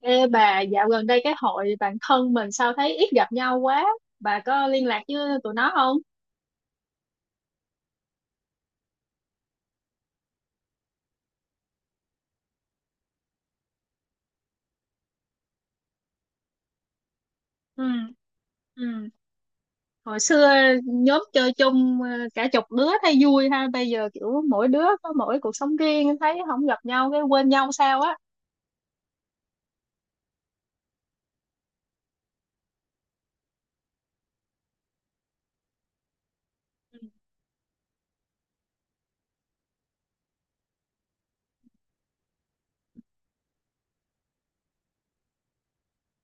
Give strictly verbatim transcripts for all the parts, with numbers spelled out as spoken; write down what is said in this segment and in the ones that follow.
Ê bà, dạo gần đây cái hội bạn thân mình sao thấy ít gặp nhau quá. Bà có liên lạc với tụi nó không? Ừ, ừ. Hồi xưa nhóm chơi chung ờ, cả chục đứa thấy vui ha. Bây giờ kiểu mỗi đứa có mỗi cuộc sống riêng thấy không gặp nhau cái quên nhau sao á. Ừ.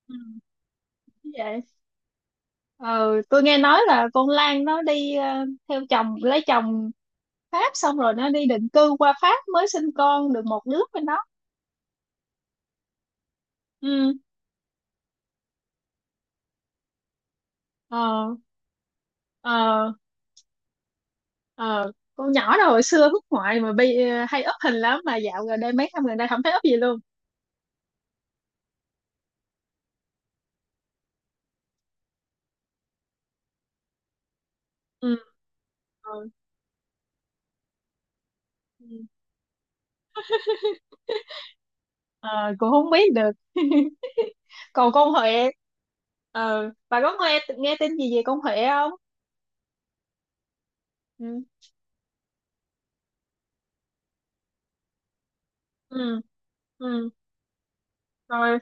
Ừ. Như vậy. Ờ, tôi nghe nói là con Lan nó đi ờ, theo chồng, lấy chồng Pháp xong rồi nó đi định cư qua Pháp mới sinh con được một đứa với nó. Ừ. Ờ, ờ. ờ con nhỏ đó hồi xưa hút ngoại mà bây hay up hình lắm mà dạo gần đây mấy năm gần đây không thấy up gì luôn. Ừ. Ờ, ừ. Ờ, cũng không biết được. Còn con Huệ, ờ bà có nghe nghe tin gì về con Huệ không? Ừ. Ừ. Ừ. Rồi.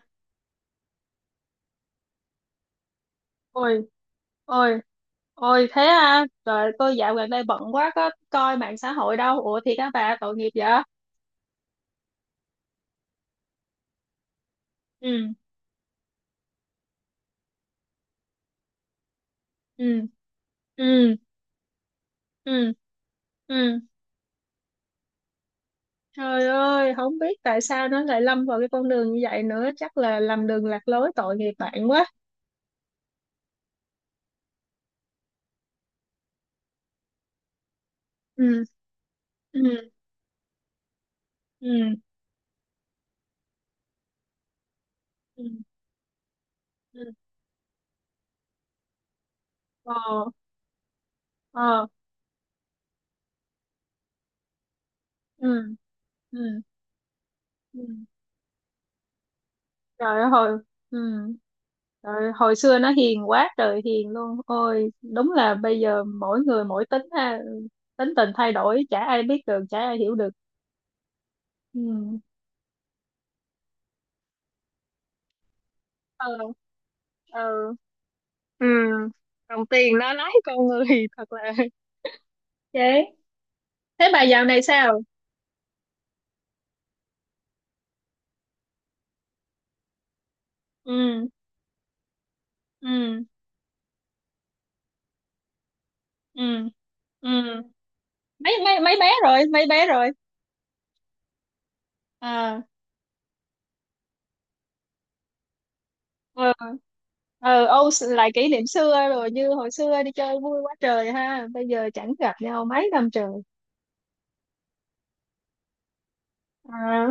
Ôi, ôi, ôi, thế à? Trời, tôi dạo gần đây bận quá có coi mạng xã hội đâu. Ủa thì các bà tội nghiệp vậy. Ừ. Ừ. Ừ. Ừ. Ừ. Trời ơi, không biết tại sao nó lại lâm vào cái con đường như vậy nữa, chắc là lầm đường lạc lối tội nghiệp bạn quá. Ừ, ừ, ừ, ừ, ừ. Ờ, ờ, ừ, ừ, ừ. Trời ơi, hồi, ừ. Trời ơi, hồi xưa nó hiền quá trời hiền luôn. Ôi, đúng là bây giờ mỗi người mỗi tính ha, tính tình thay đổi, chả ai biết được, chả ai hiểu được. Ừ, ờ, ờ, ừ. Đồng tiền nó lái con người, thật là. Vậy, thế bà dạo này sao? Ừ. Ừ. Ừ. Ừ. mấy mấy mấy bé rồi? Mấy bé rồi? À, ừ, ừ. Ô, lại kỷ niệm xưa rồi, như hồi xưa đi chơi vui quá trời ha, bây giờ chẳng gặp nhau mấy năm trời. À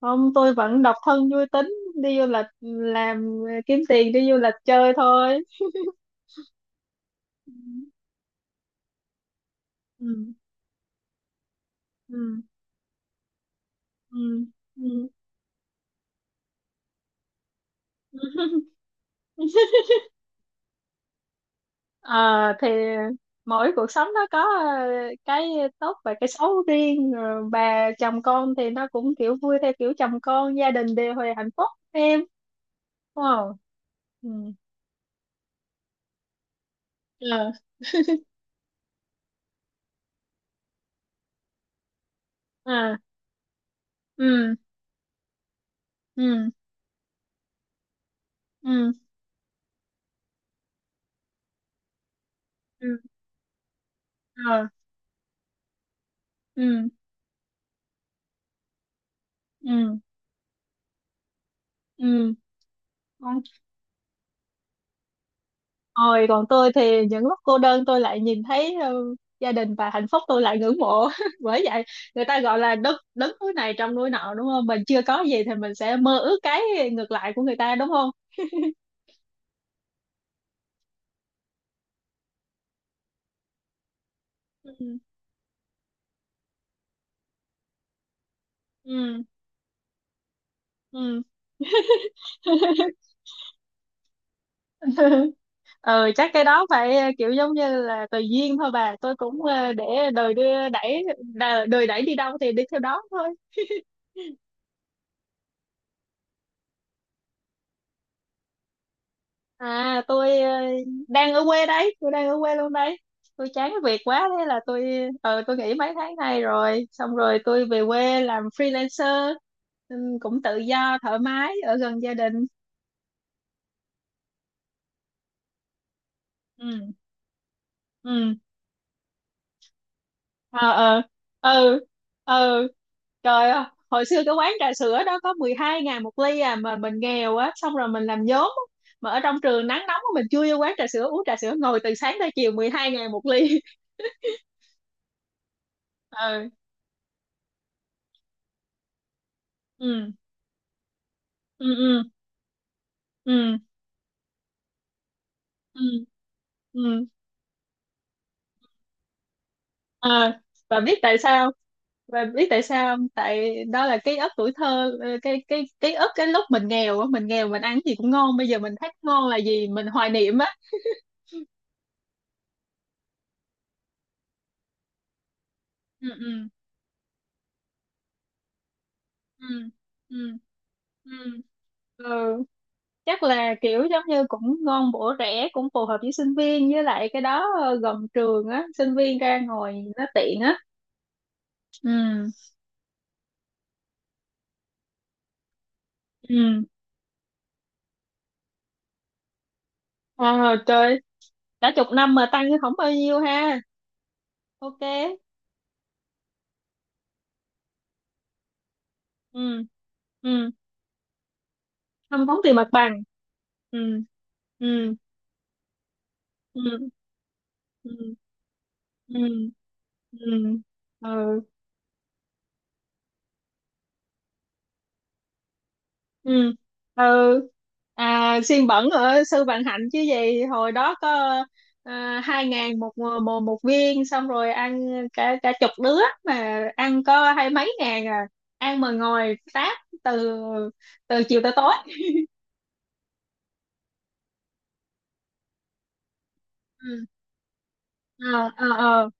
không, tôi vẫn độc thân vui tính, đi du lịch làm ờ, kiếm tiền đi du lịch chơi thôi. Ừ. Ừ. Ừ. Ừ. Ừ. Ờ, thì mỗi cuộc sống nó có ờ, cái tốt và cái xấu riêng. Rồi bà chồng con thì nó cũng kiểu vui theo kiểu chồng con gia đình đều hồi hạnh phúc em, đúng không? Ừ, ờ, à, ừ, ừ, ừ, ừ, ờ, ừ, ừ, ừ, ừ. Ôi, còn tôi thì những lúc cô đơn tôi lại nhìn thấy ờ, gia đình và hạnh phúc tôi lại ngưỡng mộ. Bởi vậy người ta gọi là đất đứng núi này trong núi nọ đúng không? Mình chưa có gì thì mình sẽ mơ ước cái ngược lại của người ta đúng không? Ừ. Ừ. Ừ. Ờ, chắc cái đó phải ờ, kiểu giống như là tùy duyên thôi bà. Tôi cũng ờ, để đời đưa đẩy đà- đời đẩy đi đâu thì đi theo đó thôi. À, tôi ờ, đang ở quê đấy, tôi đang ở quê luôn đấy. Tôi chán cái việc quá thế là tôi ờ tôi nghỉ mấy tháng nay rồi, xong rồi tôi về quê làm freelancer, ừ, cũng tự do thoải mái ở gần gia đình. Ừ. Ừ. Ờ. Ờ. Ừ. Ừ. Trời ơi, hồi xưa cái quán trà sữa đó có mười hai ngàn một ly à mà mình nghèo á, xong rồi mình làm vốn á. Mà ở trong trường nắng nóng á, mình chui vô quán trà sữa uống trà sữa ngồi từ sáng tới chiều mười hai ngàn một ly. Ừ. Ừ. Ừ. Ừ. Ừ. Ừ. Ừ. À, và biết tại sao và biết tại sao không? Tại đó là ký ức tuổi thơ, ờ, cái cái ký ức cái lúc mình nghèo á, mình nghèo mình ăn gì cũng ngon, bây giờ mình thấy ngon là gì mình hoài niệm á. Ừ. Ừ. Ừ. Ừ. Ừ. Ừ. Chắc là kiểu giống như cũng ngon bổ rẻ cũng phù hợp với sinh viên với lại cái đó ờ, gần trường á sinh viên ra ngồi nó tiện á. Ừ. Ừ. À, trời, cả chục năm mà tăng không bao nhiêu ha. Ok. Ừ. Ừ. Không tốn tiền mặt bằng. Ừ. Ừ. Ừ. Ừ. Ừ. Ừ. Ừ. Ừ. Ừ. À, xiên bẩn ở Sư Vạn Hạnh chứ gì, hồi đó có à, hai ngàn một, ờ, một một viên xong rồi ăn cả cả chục đứa mà ăn có hai mấy ngàn à, ăn mà ngồi táp từ từ chiều tới tối. Ừ. Ờ. Ờ. Ờ.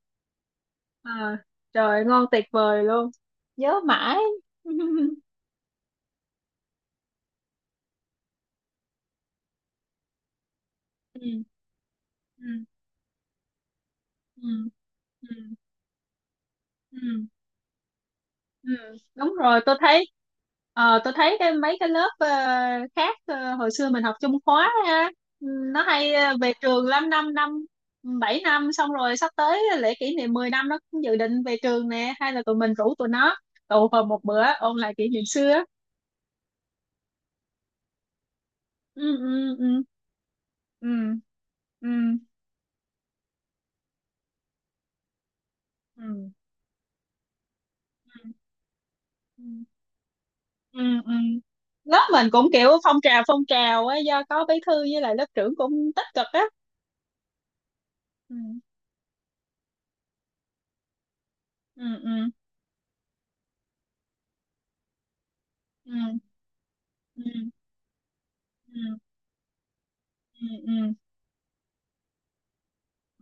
Ờ. Trời ơi, ngon tuyệt vời luôn, nhớ mãi. Ừ. Ừ. Ừ. Ừ. Ừ. Ừ. Đúng rồi, tôi thấy ờ, tôi thấy cái mấy cái lớp ờ, khác ờ, hồi xưa mình học chung khóa ha, ừ, nó hay ờ, về trường lắm năm năm, ừ, bảy năm xong rồi sắp tới lễ kỷ niệm mười năm nó cũng dự định về trường nè, hay là tụi mình rủ tụi nó tụ họp một bữa ôn lại kỷ niệm xưa. Ừ. Ừ. Ừ. Ừ. Ừ. Ừ. Ừ. Ừ. Ừ. Ừ, ừ. Lớp mình cũng kiểu phong trào phong trào á do có bí thư với lại lớp trưởng cũng tích cực á. Ừ. Ừ. Ừ. Ừ. Ừ. Ừ. Ừ. Ừ.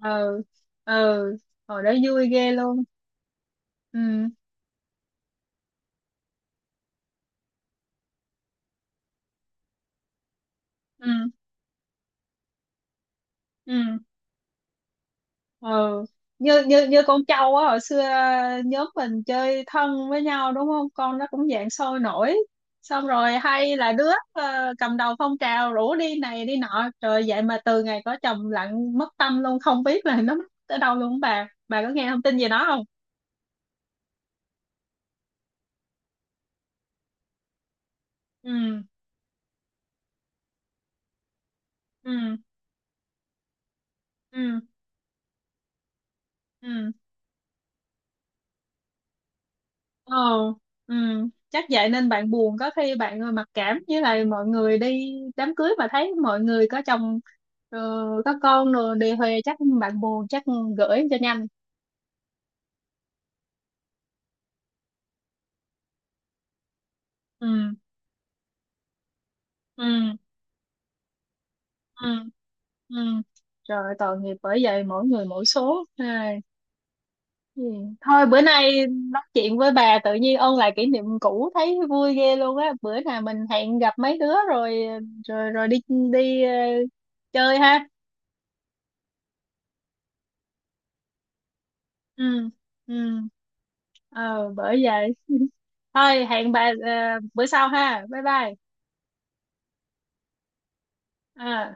Ừ. Ừ. Hồi đó vui ghê luôn. Ừ. Ừ. Ừ. Ừ. như như như con trâu á, hồi xưa nhóm mình chơi thân với nhau đúng không, con nó cũng dạng sôi nổi, xong rồi hay là đứa ờ, cầm đầu phong trào rủ đi này đi nọ, rồi vậy mà từ ngày có chồng lặng mất tâm luôn, không biết là nó mất ở đâu luôn, bà bà có nghe thông tin gì đó không? Ừ. Ừ. Ừ. Ừ. Ờ, ừ, chắc vậy nên bạn buồn, có khi bạn ờ, mặc cảm với lại mọi người đi đám cưới mà thấy mọi người có chồng, ờ, có con rồi đề huề chắc bạn buồn chắc gửi cho nhanh. Ừ, ừ, ừ, ừ. Rồi tội nghiệp, bởi vậy mỗi người mỗi số. Ai, ừ. Thôi bữa nay nói chuyện với bà tự nhiên ôn lại kỷ niệm cũ thấy vui ghê luôn á. Bữa nào mình hẹn gặp mấy đứa rồi rồi rồi đi đi ờ, chơi ha. Ừ. Ừ. Ờ bởi vậy thôi hẹn bà ờ, bữa sau ha, bye bye. Ờ.